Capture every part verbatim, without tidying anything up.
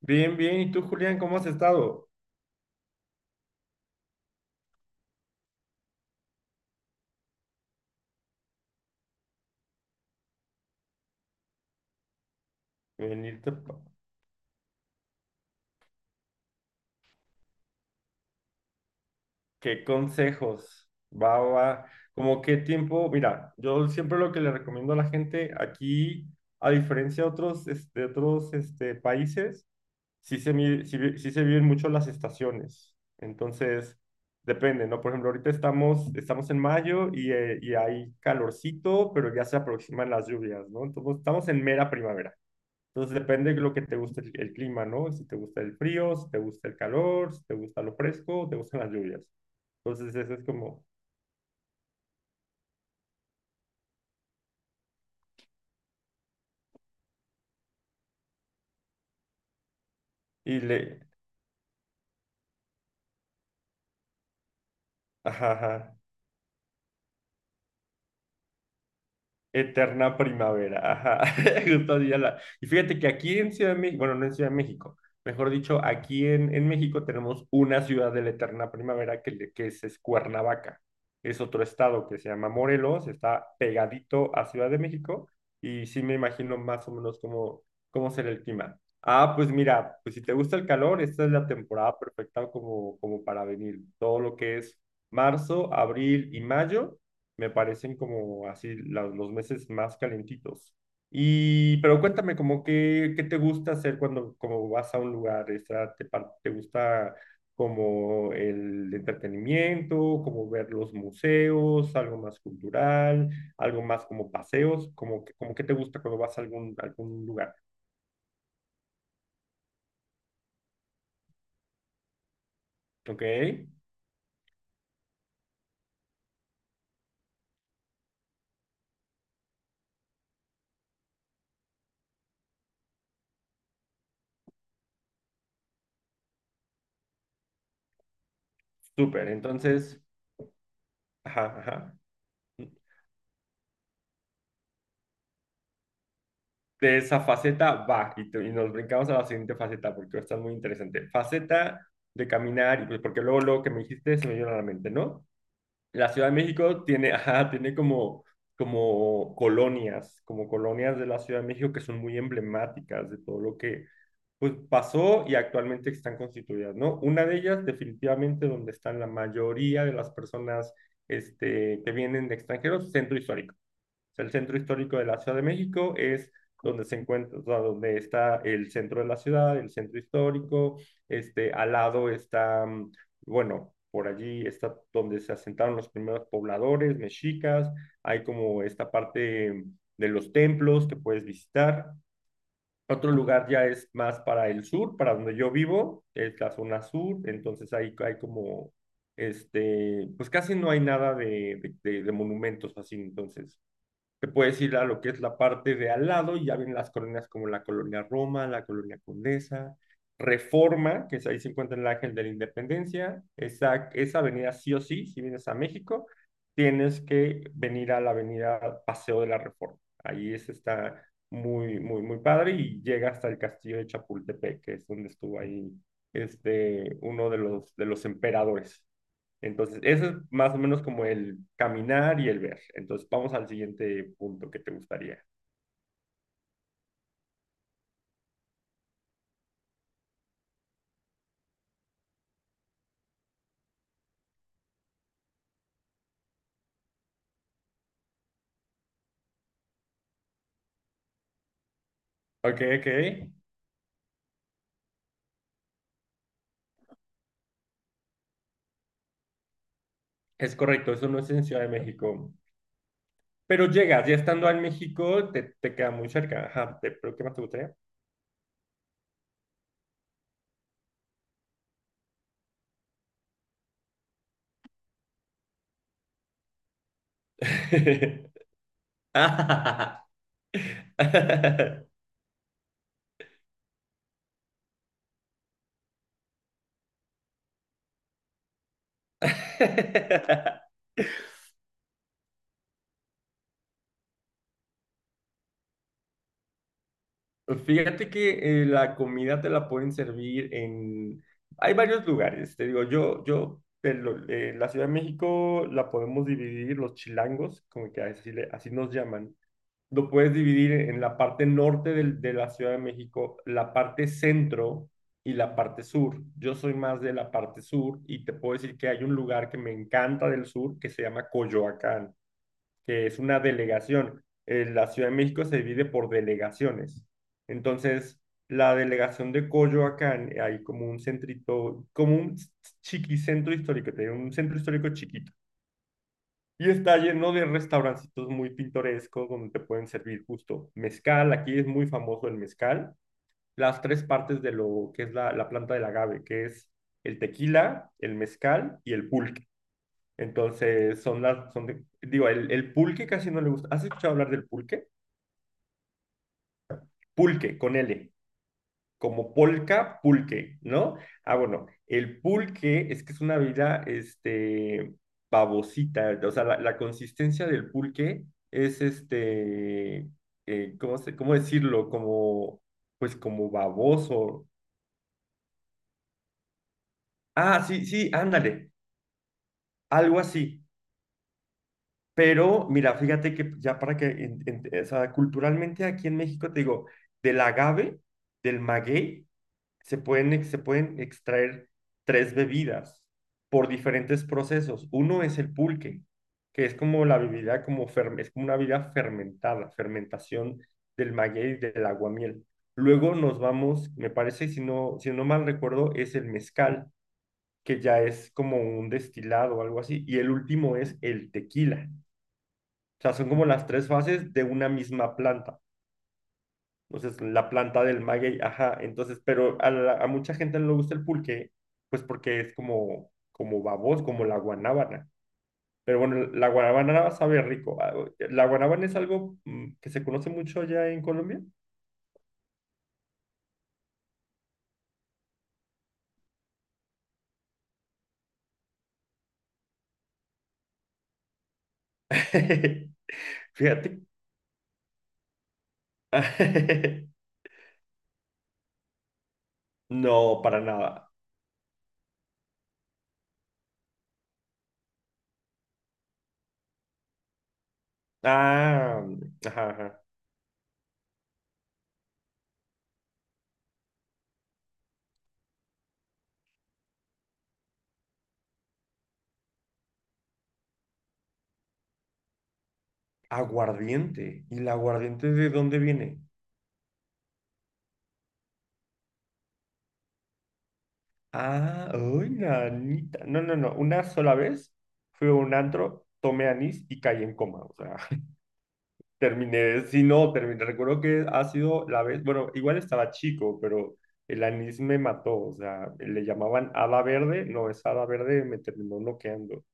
Bien, bien. ¿Y tú, Julián, cómo has estado? Venirte pa- ¿Qué consejos? Va, va. ¿Cómo qué tiempo? Mira, yo siempre lo que le recomiendo a la gente aquí, a diferencia de otros, este, otros este, países, sí se, mi- sí, vi- sí se viven mucho las estaciones. Entonces, depende, ¿no? Por ejemplo, ahorita estamos, estamos en mayo y, eh, y hay calorcito, pero ya se aproximan las lluvias, ¿no? Entonces, estamos en mera primavera. Entonces depende de lo que te guste el, el clima, ¿no? Si te gusta el frío, si te gusta el calor, si te gusta lo fresco, te gustan las lluvias. Entonces eso es como, y le, ajá, ajá. Eterna primavera, ajá, justo así ya la- Y fíjate que aquí en Ciudad de México, bueno, no en Ciudad de México, mejor dicho, aquí en, en México tenemos una ciudad de la eterna primavera que, le- que es, es Cuernavaca. Es otro estado que se llama Morelos, está pegadito a Ciudad de México y sí me imagino más o menos cómo, cómo será el clima. Ah, pues mira, pues si te gusta el calor, esta es la temporada perfecta como, como para venir. Todo lo que es marzo, abril y mayo me parecen como así la- los meses más calentitos. Y, pero cuéntame, como qué, qué te gusta hacer cuando como vas a un lugar. Esa, te, pa- te gusta como el entretenimiento, como ver los museos, algo más cultural, algo más como paseos, como, que- como qué te gusta cuando vas a algún, algún lugar. Ok, súper, entonces, ajá, ajá. De esa faceta va y, te- y nos brincamos a la siguiente faceta porque está muy interesante. Faceta de caminar y pues porque luego lo que me dijiste se me vino a la mente, ¿no? La Ciudad de México tiene, ajá, tiene como como colonias, como colonias de la Ciudad de México que son muy emblemáticas de todo lo que pues pasó y actualmente están constituidas, ¿no? Una de ellas definitivamente donde están la mayoría de las personas este, que vienen de extranjeros, centro histórico. El centro histórico de la Ciudad de México es donde se encuentra, o sea, donde está el centro de la ciudad, el centro histórico, este, al lado está, bueno, por allí está donde se asentaron los primeros pobladores mexicas, hay como esta parte de los templos que puedes visitar. Otro lugar ya es más para el sur, para donde yo vivo, es la zona sur, entonces ahí hay como, este, pues casi no hay nada de, de, de- de monumentos así, entonces te puedes ir a lo que es la parte de al lado y ya ven las colonias como la Colonia Roma, la Colonia Condesa, Reforma, que es ahí se encuentra el Ángel de la Independencia, esa, esa avenida sí o sí, si vienes a México, tienes que venir a la avenida Paseo de la Reforma. Ahí es, está muy, muy, muy padre y llega hasta el castillo de Chapultepec, que es donde estuvo ahí este, uno de los, de los emperadores. Entonces, eso es más o menos como el caminar y el ver. Entonces, vamos al siguiente punto que te gustaría. Ok, ok. Es correcto, eso no es en Ciudad de México. Pero llegas, ya estando en México, te, te queda muy cerca. Ajá, te- pero ¿qué más te gustaría? Ah. Fíjate que eh, la comida te la pueden servir en... Hay varios lugares, te digo, yo, yo, de lo- eh, la Ciudad de México la podemos dividir, los chilangos, como que así, le- así nos llaman, lo puedes dividir en la parte norte del- de, la Ciudad de México, la parte centro y la parte sur. Yo soy más de la parte sur y te puedo decir que hay un lugar que me encanta del sur que se llama Coyoacán, que es una delegación. Eh, la Ciudad de México se divide por delegaciones. Entonces, la delegación de Coyoacán, eh, hay como un centrito, como un chiquicentro histórico, tiene un centro histórico chiquito. Y está lleno de restaurancitos muy pintorescos donde te pueden servir justo mezcal. Aquí es muy famoso el mezcal. Las tres partes de lo que es la, la planta del agave, que es el tequila, el mezcal y el pulque. Entonces, son las, son de- digo, el, el pulque casi no le gusta. ¿Has escuchado hablar del pulque? Pulque, con L, como polka, pulque, ¿no? Ah, bueno, el pulque es que es una bebida, este, babosita, o sea, la, la consistencia del pulque es, este, eh, ¿cómo se- cómo decirlo? Como, pues como baboso. Ah, sí, sí, ándale, algo así. Pero mira, fíjate que ya para que, en- en- o sea, culturalmente aquí en México, te digo, del agave, del maguey, se pueden, ex- se pueden extraer tres bebidas por diferentes procesos. Uno es el pulque, que es como la bebida, como fer- es como una bebida fermentada, fermentación del maguey, del aguamiel. Luego nos vamos, me parece, si no, si no mal recuerdo, es el mezcal, que ya es como un destilado o algo así. Y el último es el tequila, o sea, son como las tres fases de una misma planta. Entonces, la planta del maguey, ajá. Entonces, pero a, la- a mucha gente no le gusta el pulque, pues porque es como, como baboso, como la guanábana. Pero bueno, la guanábana sabe rico. Ah, la guanábana es algo mm, que se conoce mucho allá en Colombia. Fíjate. No, para nada. Ah, mm, ajá, ajá. Aguardiente. ¿Y el aguardiente de dónde viene? Ah, uy, nanita. No, no, no. Una sola vez fui a un antro, tomé anís y caí en coma. O sea, terminé. Sí, no, terminé. Recuerdo que ha sido la vez. Bueno, igual estaba chico, pero el anís me mató. O sea, le llamaban hada verde. No, es hada verde, me terminó noqueando.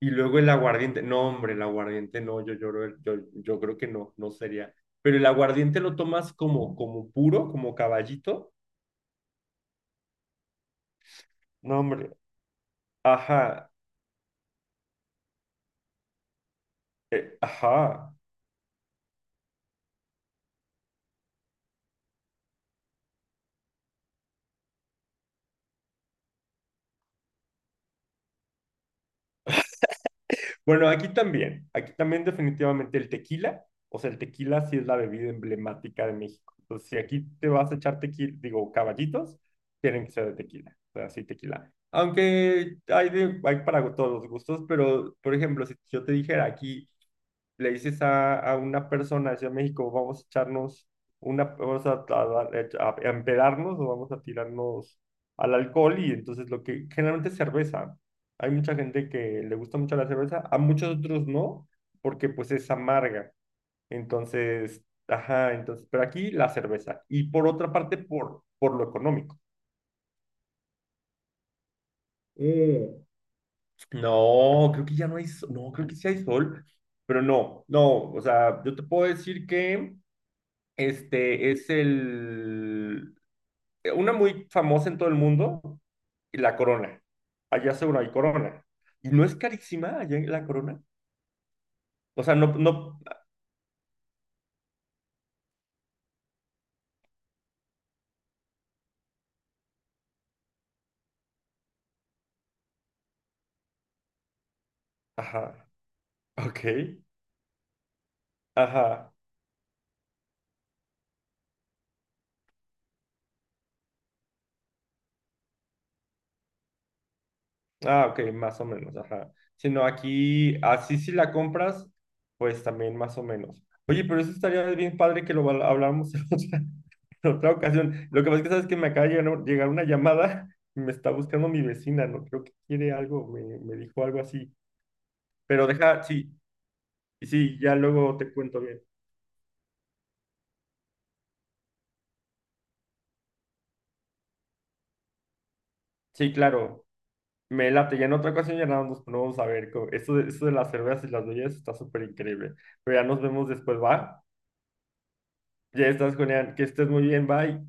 Y luego el aguardiente. No, hombre, el aguardiente no. Yo lloro. el- Yo, yo creo que no, no sería. Pero el aguardiente lo tomas como, como puro, como caballito. No, hombre. Ajá. eh, ajá. Bueno, aquí también, aquí también definitivamente el tequila, o sea, el tequila sí es la bebida emblemática de México. Entonces, si aquí te vas a echar tequila, digo, caballitos, tienen que ser de tequila, o sea, sí, tequila. Aunque hay, de- hay para todos los gustos, pero, por ejemplo, si yo te dijera aquí, le dices a, a una persona de Ciudad de México, vamos a echarnos una, vamos a, a- a- eh, a empedarnos o vamos a tirarnos al alcohol y entonces lo que generalmente es cerveza. Hay mucha gente que le gusta mucho la cerveza, a muchos otros no, porque pues es amarga. Entonces, ajá, entonces, pero aquí la cerveza. Y por otra parte, por, por lo económico. Mm, no, creo que ya no hay, so- no, creo que sí hay sol, pero no, no, o sea, yo te puedo decir que este es el una muy famosa en todo el mundo, la Corona. Allá seguro hay Corona. Y no es carísima allá en la Corona. O sea, no, no, ajá, ok, ajá. Ah, ok, más o menos, ajá. Sino aquí, así si la compras, pues también más o menos. Oye, pero eso estaría bien padre que lo val- habláramos en otra, en otra ocasión. Lo que pasa es que sabes que me acaba de llegar llegar una llamada y me está buscando mi vecina, ¿no? Creo que quiere algo, me, me dijo algo así. Pero deja, sí, sí, ya luego te cuento bien. Sí, claro, me late. Ya en otra ocasión ya nada más nos ponemos a ver. co- Esto de, esto de las cervezas y las bebidas está súper increíble. Pero ya nos vemos después, ¿va? Ya estás, Julián. Que estés muy bien, bye.